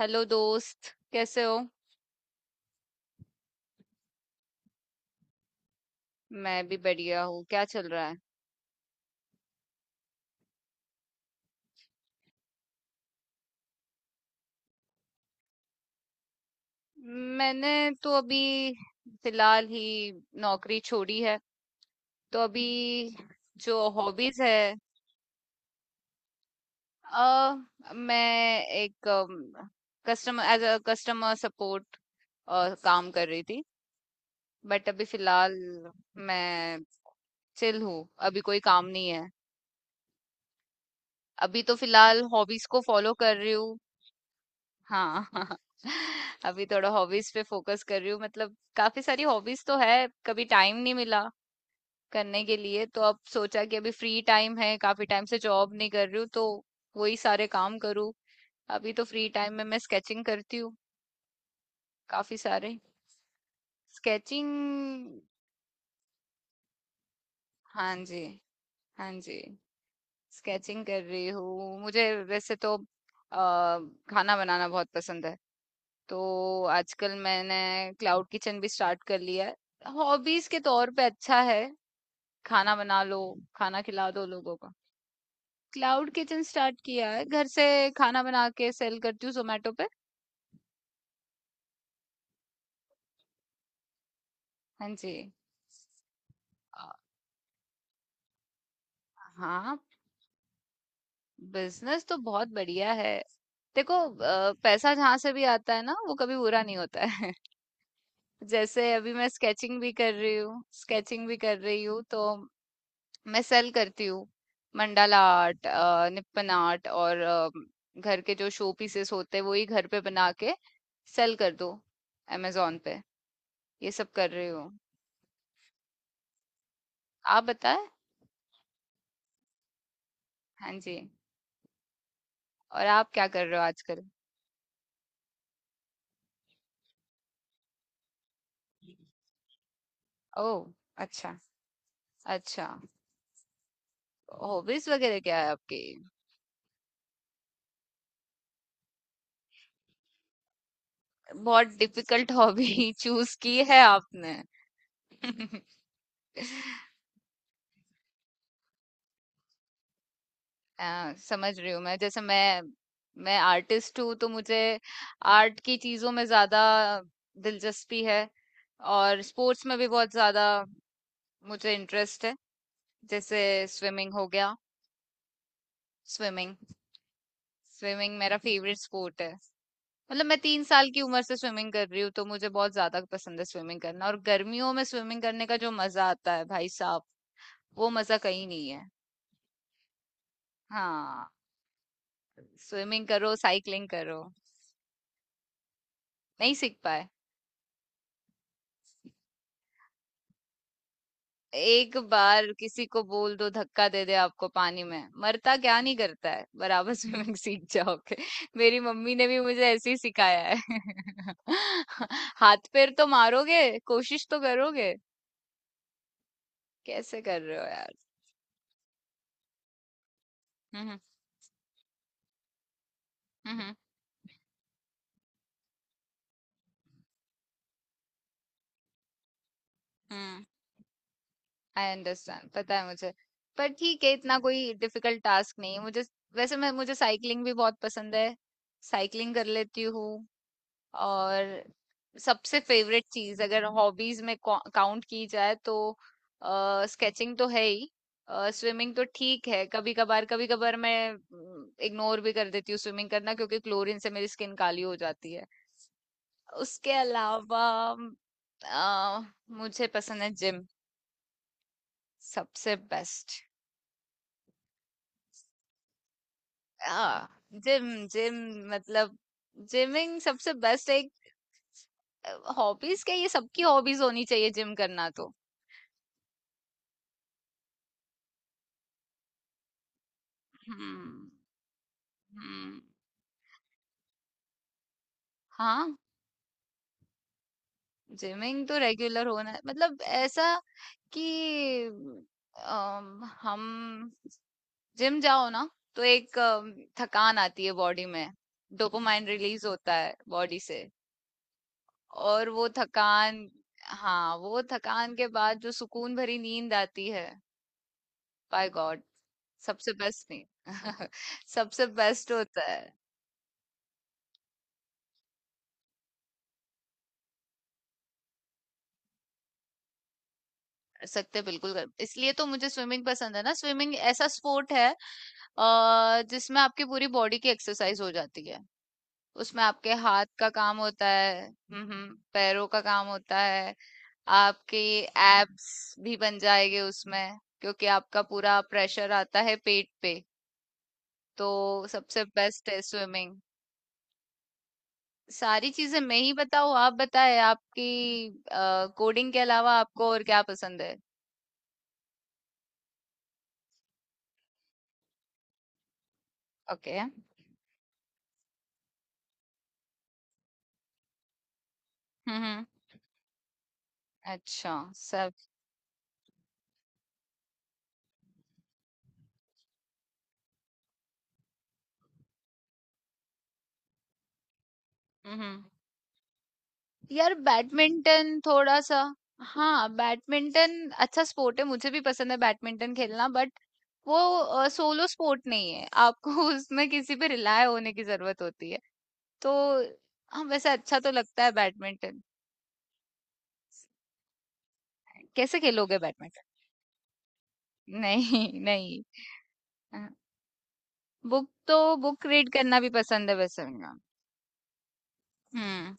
Hello दोस्त, कैसे हो। मैं भी बढ़िया हूँ, क्या चल रहा है। मैंने तो अभी फिलहाल ही नौकरी छोड़ी है, तो अभी जो हॉबीज है मैं एक कस्टमर, एज अ कस्टमर सपोर्ट काम कर रही थी बट अभी फिलहाल मैं चिल हूँ, अभी कोई काम नहीं है। अभी तो फिलहाल हॉबीज को फॉलो कर रही हूँ। हाँ अभी थोड़ा हॉबीज पे फोकस कर रही हूँ, मतलब काफी सारी हॉबीज तो है कभी टाइम नहीं मिला करने के लिए, तो अब सोचा कि अभी फ्री टाइम है, काफी टाइम से जॉब नहीं कर रही हूँ तो वही सारे काम करूँ। अभी तो फ्री टाइम में मैं स्केचिंग करती हूँ, काफी सारे स्केचिंग। हाँ जी, हाँ जी, स्केचिंग कर रही हूँ। मुझे वैसे तो खाना बनाना बहुत पसंद है, तो आजकल मैंने क्लाउड किचन भी स्टार्ट कर लिया है हॉबीज के तौर पे। अच्छा है, खाना बना लो, खाना खिला दो लोगों को। क्लाउड किचन स्टार्ट किया है घर से, खाना बना के सेल करती हूँ जोमेटो पे। हाँ जी। अ, हाँ, बिजनेस तो बहुत बढ़िया है। देखो, पैसा जहाँ से भी आता है ना, वो कभी बुरा नहीं होता है। जैसे अभी मैं स्केचिंग भी कर रही हूँ तो मैं सेल करती हूँ मंडाला आर्ट, निपन आर्ट, और घर के जो शो पीसेस होते हैं वो ही घर पे बना के सेल कर दो अमेजोन पे। ये सब कर रही हूँ। आप बताएं, हाँ जी, और आप क्या कर रहे हो आजकल। ओह, अच्छा, अच्छा। हॉबीज वगैरह क्या है आपकी। बहुत डिफिकल्ट हॉबी चूज की है आपने। समझ रही हूँ मैं। जैसे मैं आर्टिस्ट हूँ तो मुझे आर्ट की चीज़ों में ज़्यादा दिलचस्पी है, और स्पोर्ट्स में भी बहुत ज़्यादा मुझे इंटरेस्ट है। जैसे स्विमिंग हो गया, स्विमिंग। स्विमिंग मेरा फेवरेट स्पोर्ट है। मतलब मैं 3 साल की उम्र से स्विमिंग कर रही हूँ, तो मुझे बहुत ज़्यादा पसंद है स्विमिंग करना, और गर्मियों में स्विमिंग करने का जो मज़ा आता है भाई साहब, वो मज़ा कहीं नहीं है। हाँ, स्विमिंग करो, साइकिलिंग करो। नहीं सीख पाए। एक बार किसी को बोल दो धक्का दे दे आपको पानी में, मरता क्या नहीं करता है, बराबर स्विमिंग सीख जाओगे। मेरी मम्मी ने भी मुझे ऐसे ही सिखाया है। हाथ पैर तो मारोगे, कोशिश तो करोगे। कैसे कर रहे हो यार। हम्म, हम्म, हम्म। आई अंडरस्टैंड, पता है मुझे, पर ठीक है, इतना कोई डिफिकल्ट टास्क नहीं है मुझे। वैसे मैं मुझे साइकिलिंग भी बहुत पसंद है, साइकिलिंग कर लेती हूँ। और सबसे फेवरेट चीज अगर हॉबीज में काउंट की जाए तो स्केचिंग तो है ही। स्विमिंग तो ठीक है, कभी कभार कभी कभार मैं इग्नोर भी कर देती हूँ स्विमिंग करना क्योंकि क्लोरीन से मेरी स्किन काली हो जाती है। उसके अलावा अ, मुझे पसंद है जिम, सबसे बेस्ट। आ, जिम जिम मतलब जिमिंग सबसे बेस्ट एक, हॉबीज क्या, ये सबकी हॉबीज होनी चाहिए जिम करना तो। हम्म, हुँ। हाँ, जिमिंग तो रेगुलर होना मतलब ऐसा कि अम, हम जिम जाओ ना, तो एक थकान आती है बॉडी में, डोपामाइन रिलीज़ होता है बॉडी से, और वो थकान, हाँ, वो थकान के बाद जो सुकून भरी नींद आती है, बाय गॉड, सबसे बेस्ट नींद। सबसे बेस्ट होता है। सकते हैं बिल्कुल कर, इसलिए तो मुझे स्विमिंग पसंद है ना। स्विमिंग ऐसा स्पोर्ट है जिसमें आपकी पूरी बॉडी की एक्सरसाइज हो जाती है, उसमें आपके हाथ का काम होता है, पैरों का काम होता है, आपके एब्स भी बन जाएंगे उसमें, क्योंकि आपका पूरा प्रेशर आता है पेट पे, तो सबसे बेस्ट है स्विमिंग। सारी चीजें मैं ही बताऊँ, आप बताएं आपकी, कोडिंग के अलावा आपको और क्या पसंद है। ओके। हम्म, हम्म। अच्छा। सब। हम्म। यार बैडमिंटन थोड़ा सा, हाँ बैडमिंटन अच्छा स्पोर्ट है, मुझे भी पसंद है बैडमिंटन खेलना, बट वो सोलो स्पोर्ट नहीं है आपको। उसमें किसी पे रिलाय होने की जरूरत होती है, तो हाँ वैसे अच्छा तो लगता है बैडमिंटन। कैसे खेलोगे बैडमिंटन। नहीं नहीं। बुक तो, बुक रीड करना भी पसंद है वैसे मेरा। हम्म।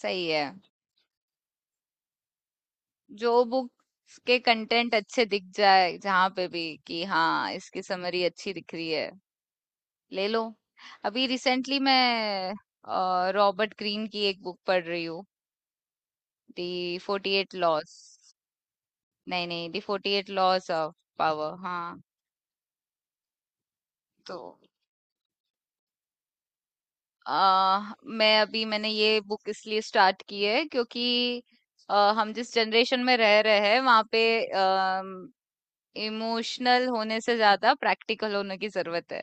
सही है, जो बुक्स के कंटेंट अच्छे दिख जाए जहां पे भी कि हाँ इसकी समरी अच्छी दिख रही है, ले लो। अभी रिसेंटली मैं रॉबर्ट ग्रीन की एक बुक पढ़ रही हूँ, दी फोर्टी एट लॉस। नहीं नहीं, the forty eight laws of power. हाँ तो मैंने ये बुक इसलिए स्टार्ट की है क्योंकि हम जिस जनरेशन में रह रहे हैं वहां पे इमोशनल होने से ज्यादा प्रैक्टिकल होने की जरूरत है,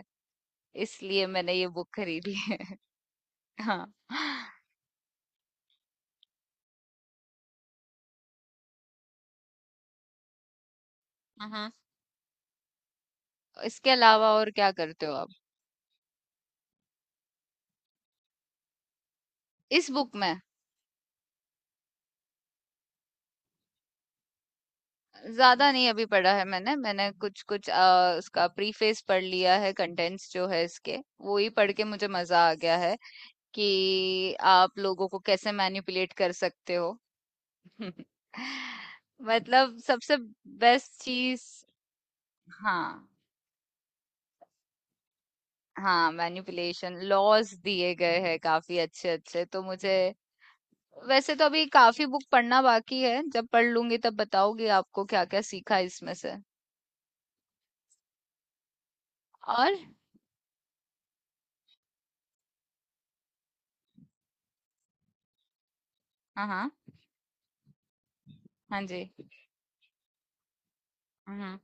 इसलिए मैंने ये बुक खरीदी है। हाँ। हम्म। इसके अलावा और क्या करते हो आप। इस बुक में, ज्यादा नहीं अभी पढ़ा है मैंने मैंने कुछ कुछ उसका प्रीफेस पढ़ लिया है, कंटेंट्स जो है इसके वो ही पढ़ के मुझे मजा आ गया है कि आप लोगों को कैसे मैनिपुलेट कर सकते हो। मतलब सबसे बेस्ट चीज, हाँ। हाँ मैनिपुलेशन लॉज दिए गए हैं काफी अच्छे अच्छे, तो मुझे वैसे तो अभी काफी बुक पढ़ना बाकी है, जब पढ़ लूंगी तब बताओगी आपको क्या क्या सीखा इसमें से, और हाँ, हाँ। हाँ जी। हम्म।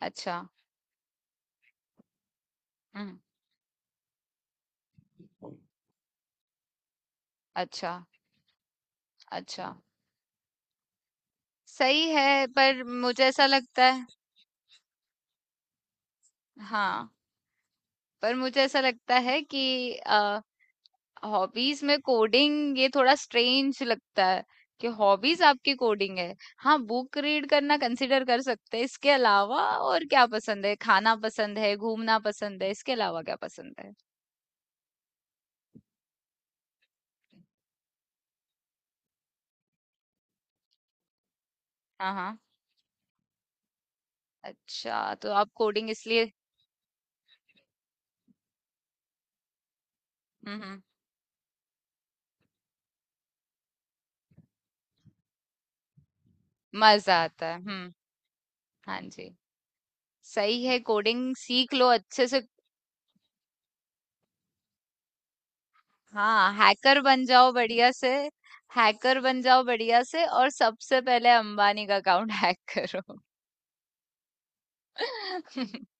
अच्छा। हम्म। अच्छा, अच्छा। सही है, पर मुझे ऐसा लगता है, हाँ पर मुझे ऐसा लगता है कि हॉबीज में कोडिंग ये थोड़ा स्ट्रेंज लगता है, कि हॉबीज आपकी कोडिंग है। हाँ, बुक रीड करना कंसिडर कर सकते हैं, इसके अलावा और क्या पसंद है, खाना पसंद है, घूमना पसंद है, इसके अलावा क्या पसंद है। हाँ, हाँ। अच्छा, तो आप कोडिंग इसलिए। हुँ, हुँ। मज़ा आता है। हुँ, हाँ जी। सही है, कोडिंग सीख लो अच्छे से। हाँ, हैकर बन जाओ बढ़िया से, हैकर बन जाओ बढ़िया से और सबसे पहले अंबानी का अकाउंट हैक करो।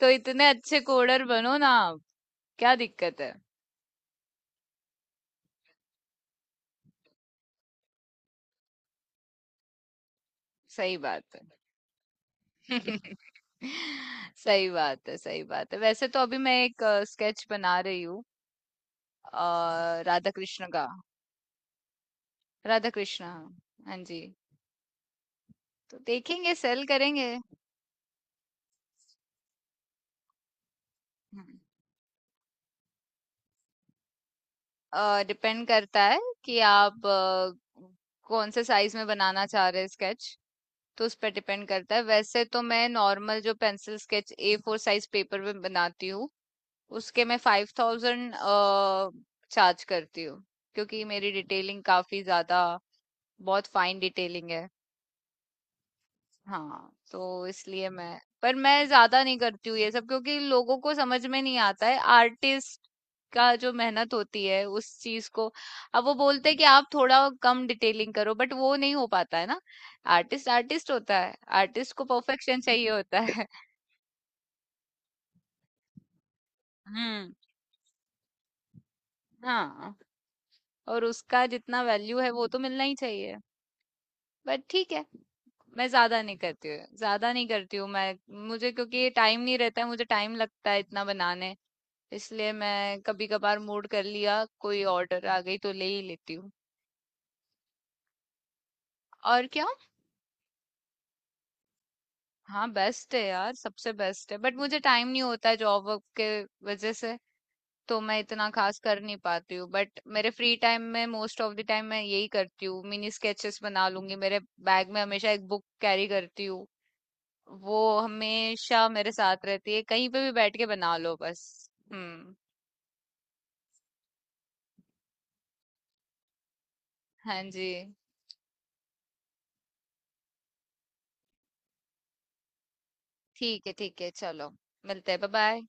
तो इतने अच्छे कोडर बनो ना आप, क्या दिक्कत है? सही बात है। सही बात है, सही बात है। वैसे तो अभी मैं एक स्केच बना रही हूँ, राधा कृष्ण का। राधा कृष्ण, हाँ। हाँ जी, तो देखेंगे, सेल करेंगे। डिपेंड करता है कि आप कौन से साइज में बनाना चाह रहे हैं स्केच, तो उस पर डिपेंड करता है। वैसे तो मैं नॉर्मल जो pencil sketch A four size paper में बनाती हूँ उसके मैं 5,000 चार्ज करती हूँ, क्योंकि मेरी डिटेलिंग काफी ज्यादा, बहुत फाइन डिटेलिंग है। हाँ, तो इसलिए मैं पर मैं ज्यादा नहीं करती हूँ ये सब, क्योंकि लोगों को समझ में नहीं आता है आर्टिस्ट का जो मेहनत होती है उस चीज को। अब वो बोलते हैं कि आप थोड़ा कम डिटेलिंग करो, बट वो नहीं हो पाता है ना, आर्टिस्ट आर्टिस्ट होता है, आर्टिस्ट को परफेक्शन चाहिए होता है। हम्म, हाँ, और उसका जितना वैल्यू है वो तो मिलना ही चाहिए। बट ठीक है, मैं ज्यादा नहीं करती हूँ ज्यादा नहीं करती हूँ मैं, मुझे क्योंकि टाइम नहीं रहता है, मुझे टाइम लगता है इतना बनाने, इसलिए मैं कभी कभार मूड कर लिया कोई ऑर्डर आ गई तो ले ही लेती हूँ। और क्या, हाँ बेस्ट है यार, सबसे बेस्ट है, बट मुझे टाइम नहीं होता है जॉब वर्क के वजह से, तो मैं इतना खास कर नहीं पाती हूँ, बट मेरे फ्री टाइम में मोस्ट ऑफ द टाइम मैं यही करती हूँ। मिनी स्केचेस बना लूंगी, मेरे बैग में हमेशा एक बुक कैरी करती हूँ, वो हमेशा मेरे साथ रहती है, कहीं पे भी बैठ के बना लो बस। हम्म। हाँ जी। ठीक है, ठीक है, चलो मिलते हैं, बाय बाय।